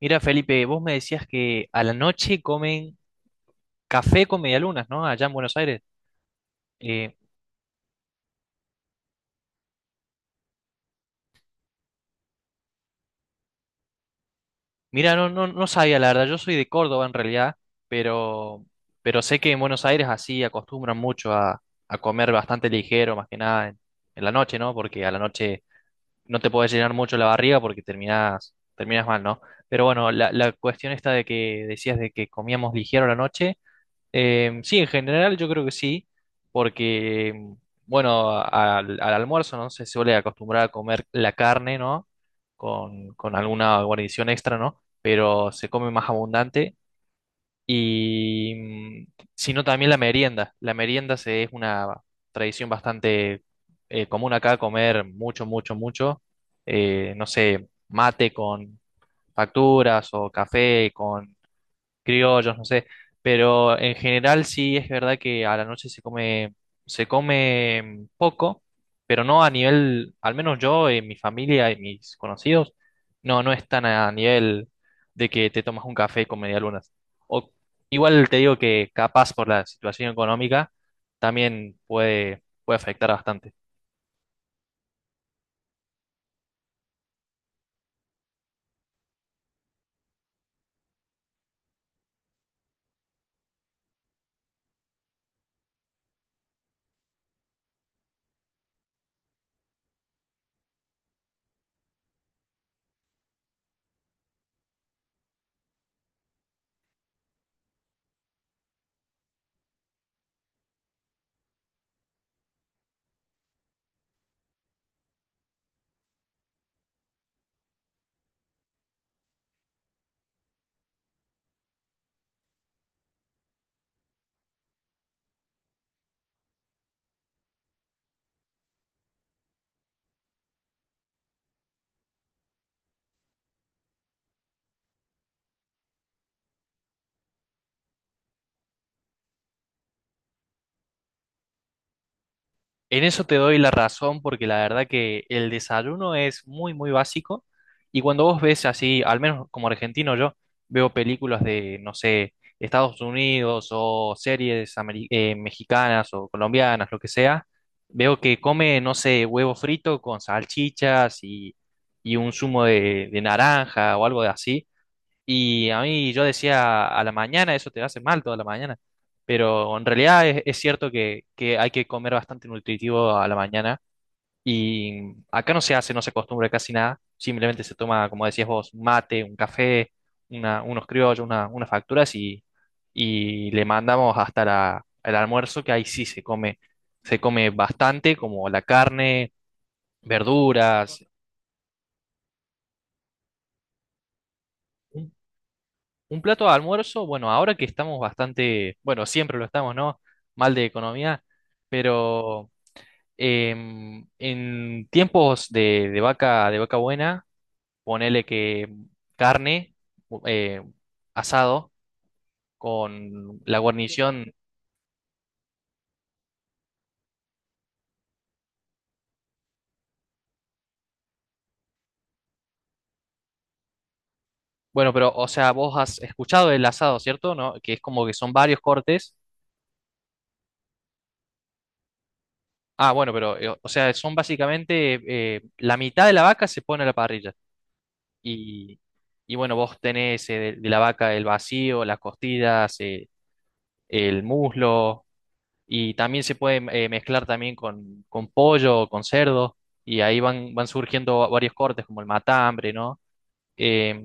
Mira, Felipe, vos me decías que a la noche comen café con medialunas, ¿no? Allá en Buenos Aires. Eh, mira, no sabía, la verdad, yo soy de Córdoba en realidad, pero, pero sé que en Buenos Aires así acostumbran mucho a comer bastante ligero, más que nada en la noche, ¿no? Porque a la noche no te puedes llenar mucho la barriga porque terminas mal, ¿no? Pero bueno, la cuestión esta de que decías de que comíamos ligero a la noche. Sí, en general yo creo que sí, porque bueno, al almuerzo, ¿no? Se suele acostumbrar a comer la carne, ¿no? Con alguna guarnición extra, ¿no? Pero se come más abundante y sino también la merienda. La merienda es una tradición bastante común acá, comer mucho, no sé, mate con facturas o café criollos, no sé, pero en general sí es verdad que a la noche se come poco, pero no a nivel, al menos yo, en mi familia y mis conocidos, no es tan a nivel de que te tomas un café con medialunas. O igual te digo que capaz por la situación económica también puede afectar bastante. En eso te doy la razón porque la verdad que el desayuno es muy básico y cuando vos ves así, al menos como argentino yo, veo películas de, no sé, Estados Unidos o series mexicanas o colombianas, lo que sea, veo que come, no sé, huevo frito con salchichas y un zumo de naranja o algo de así y a mí yo decía a la mañana, eso te hace mal toda la mañana, pero en realidad es cierto que hay que comer bastante nutritivo a la mañana y acá no se hace, no se acostumbra casi nada, simplemente se toma, como decías vos, un mate, un café, una, unos criollos, una- unas facturas y le mandamos hasta la- el almuerzo que ahí sí se come bastante como la carne, verduras. Un plato de almuerzo, bueno, ahora que estamos bastante, bueno, siempre lo estamos, ¿no? Mal de economía, pero en tiempos de vaca buena, ponele que carne, eh, asado, con la guarnición, bueno, pero, o sea, vos has escuchado el asado, ¿cierto? ¿No? Que es como que son varios cortes. Ah, bueno, pero, o sea, son básicamente, la mitad de la vaca se pone a la parrilla. Y, y bueno, vos tenés de la vaca el vacío, las costillas, el muslo, y también se puede mezclar también con pollo o con cerdo, y ahí van, van surgiendo va- varios cortes como el matambre, ¿no? Eh,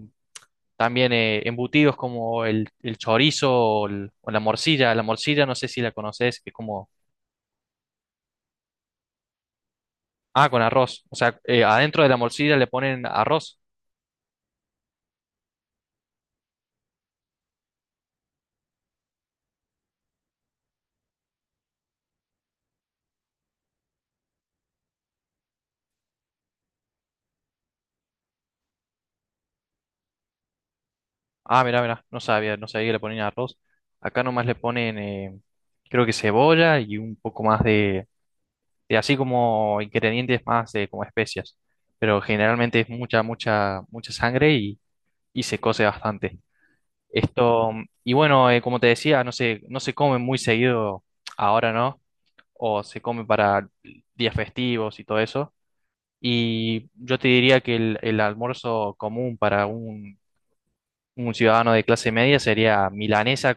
También embutidos como el chorizo o, el- o la morcilla. La morcilla, no sé si la conoces, que es como, ah, con arroz. O sea, adentro de la morcilla le ponen arroz. Ah, mirá, mirá, no sabía, no sabía que le ponían arroz. Acá nomás le ponen, creo que cebolla y un poco más de así como ingredientes más de como especias. Pero generalmente es mucha sangre y se cose bastante. Esto, y bueno, como te decía, no se, no se come muy seguido ahora, ¿no? O se come para días festivos y todo eso. Y yo te diría que el almuerzo común para un ciudadano de clase media sería milanesa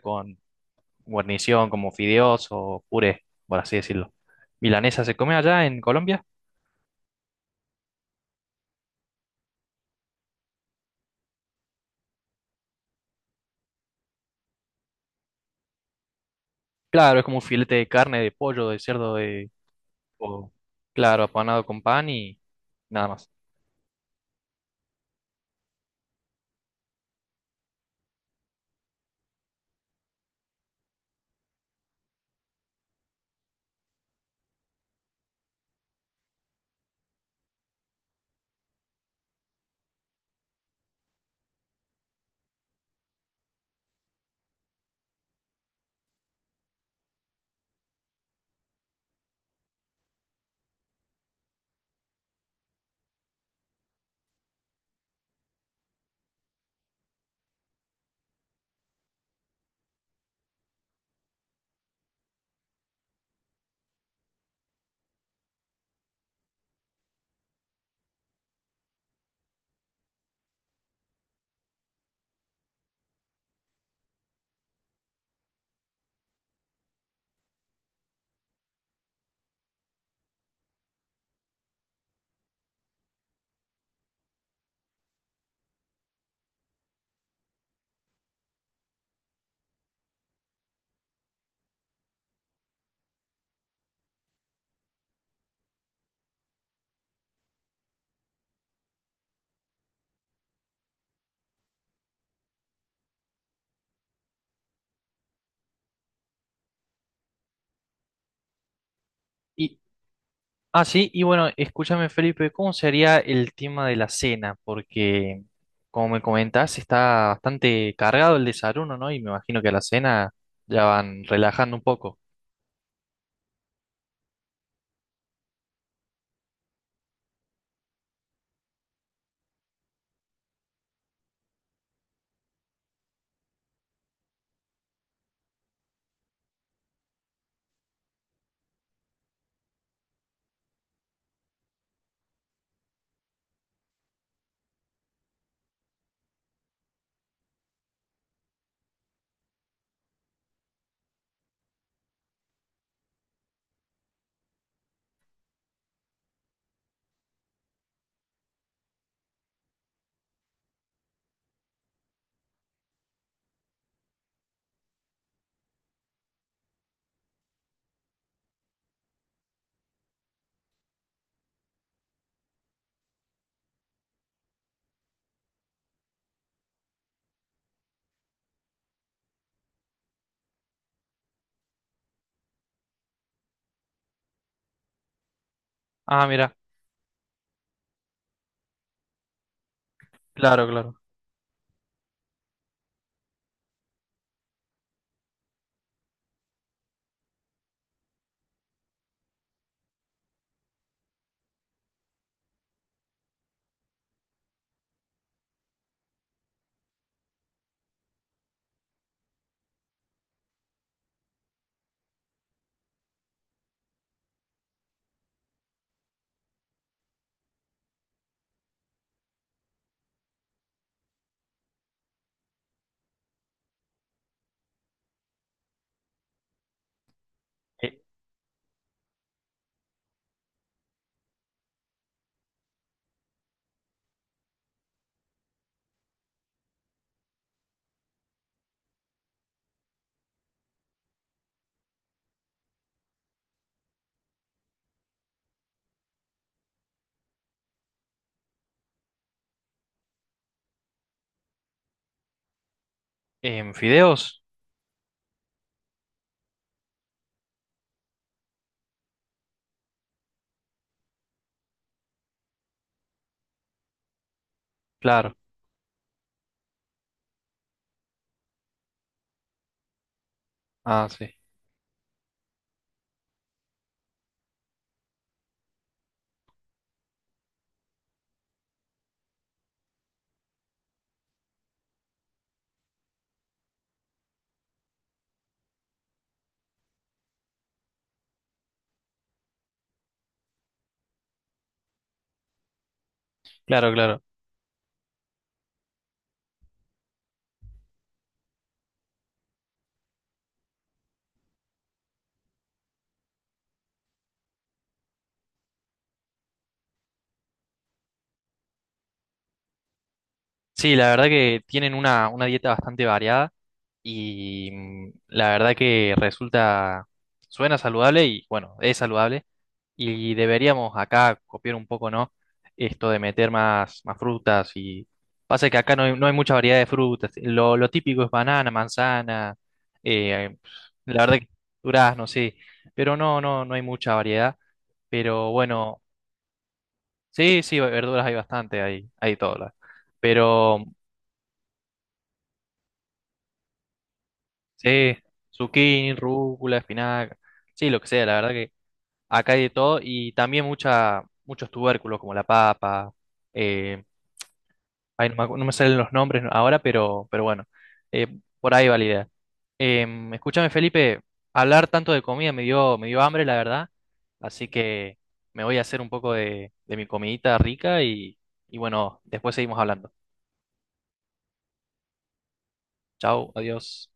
guarnición como fideos o puré, por así decirlo. ¿Milanesa se come allá en Colombia? Claro, es como un filete de carne, de pollo, de cerdo, de... o- claro, apanado con pan y nada más. Y, ah, sí, y bueno, escúchame, Felipe, ¿cómo sería el tema de la cena? Porque, como me comentás, está bastante cargado el desayuno, ¿no? Y me imagino que a la cena ya van relajando un poco. Ah, mira, claro, claro. Eh, ¿en fideos? Claro. Ah, sí. Claro, claro. Sí, la verdad que tienen una dieta bastante variada y mm, la verdad que resulta, suena saludable y bueno, es saludable y deberíamos acá copiar un poco, ¿no? Esto de meter más, más frutas y pasa que acá no hay, no hay mucha variedad de frutas. Lo típico es banana, manzana, eh, la verdad que durazno, sí, pero no hay mucha variedad, pero bueno, sí, sí, verduras hay bastante, hay todas. Pero sí, zucchini, rúcula, espinaca, sí, lo que sea, la verdad que acá hay de todo y también mucha, muchos tubérculos como la papa, eh, ay, no me, acu- no me salen los nombres ahora, pero bueno, eh, por ahí va la idea. Escúchame, Felipe, hablar tanto de comida me dio hambre, la verdad, así que me voy a hacer un poco de mi comidita rica y bueno, después seguimos hablando. Chao, adiós.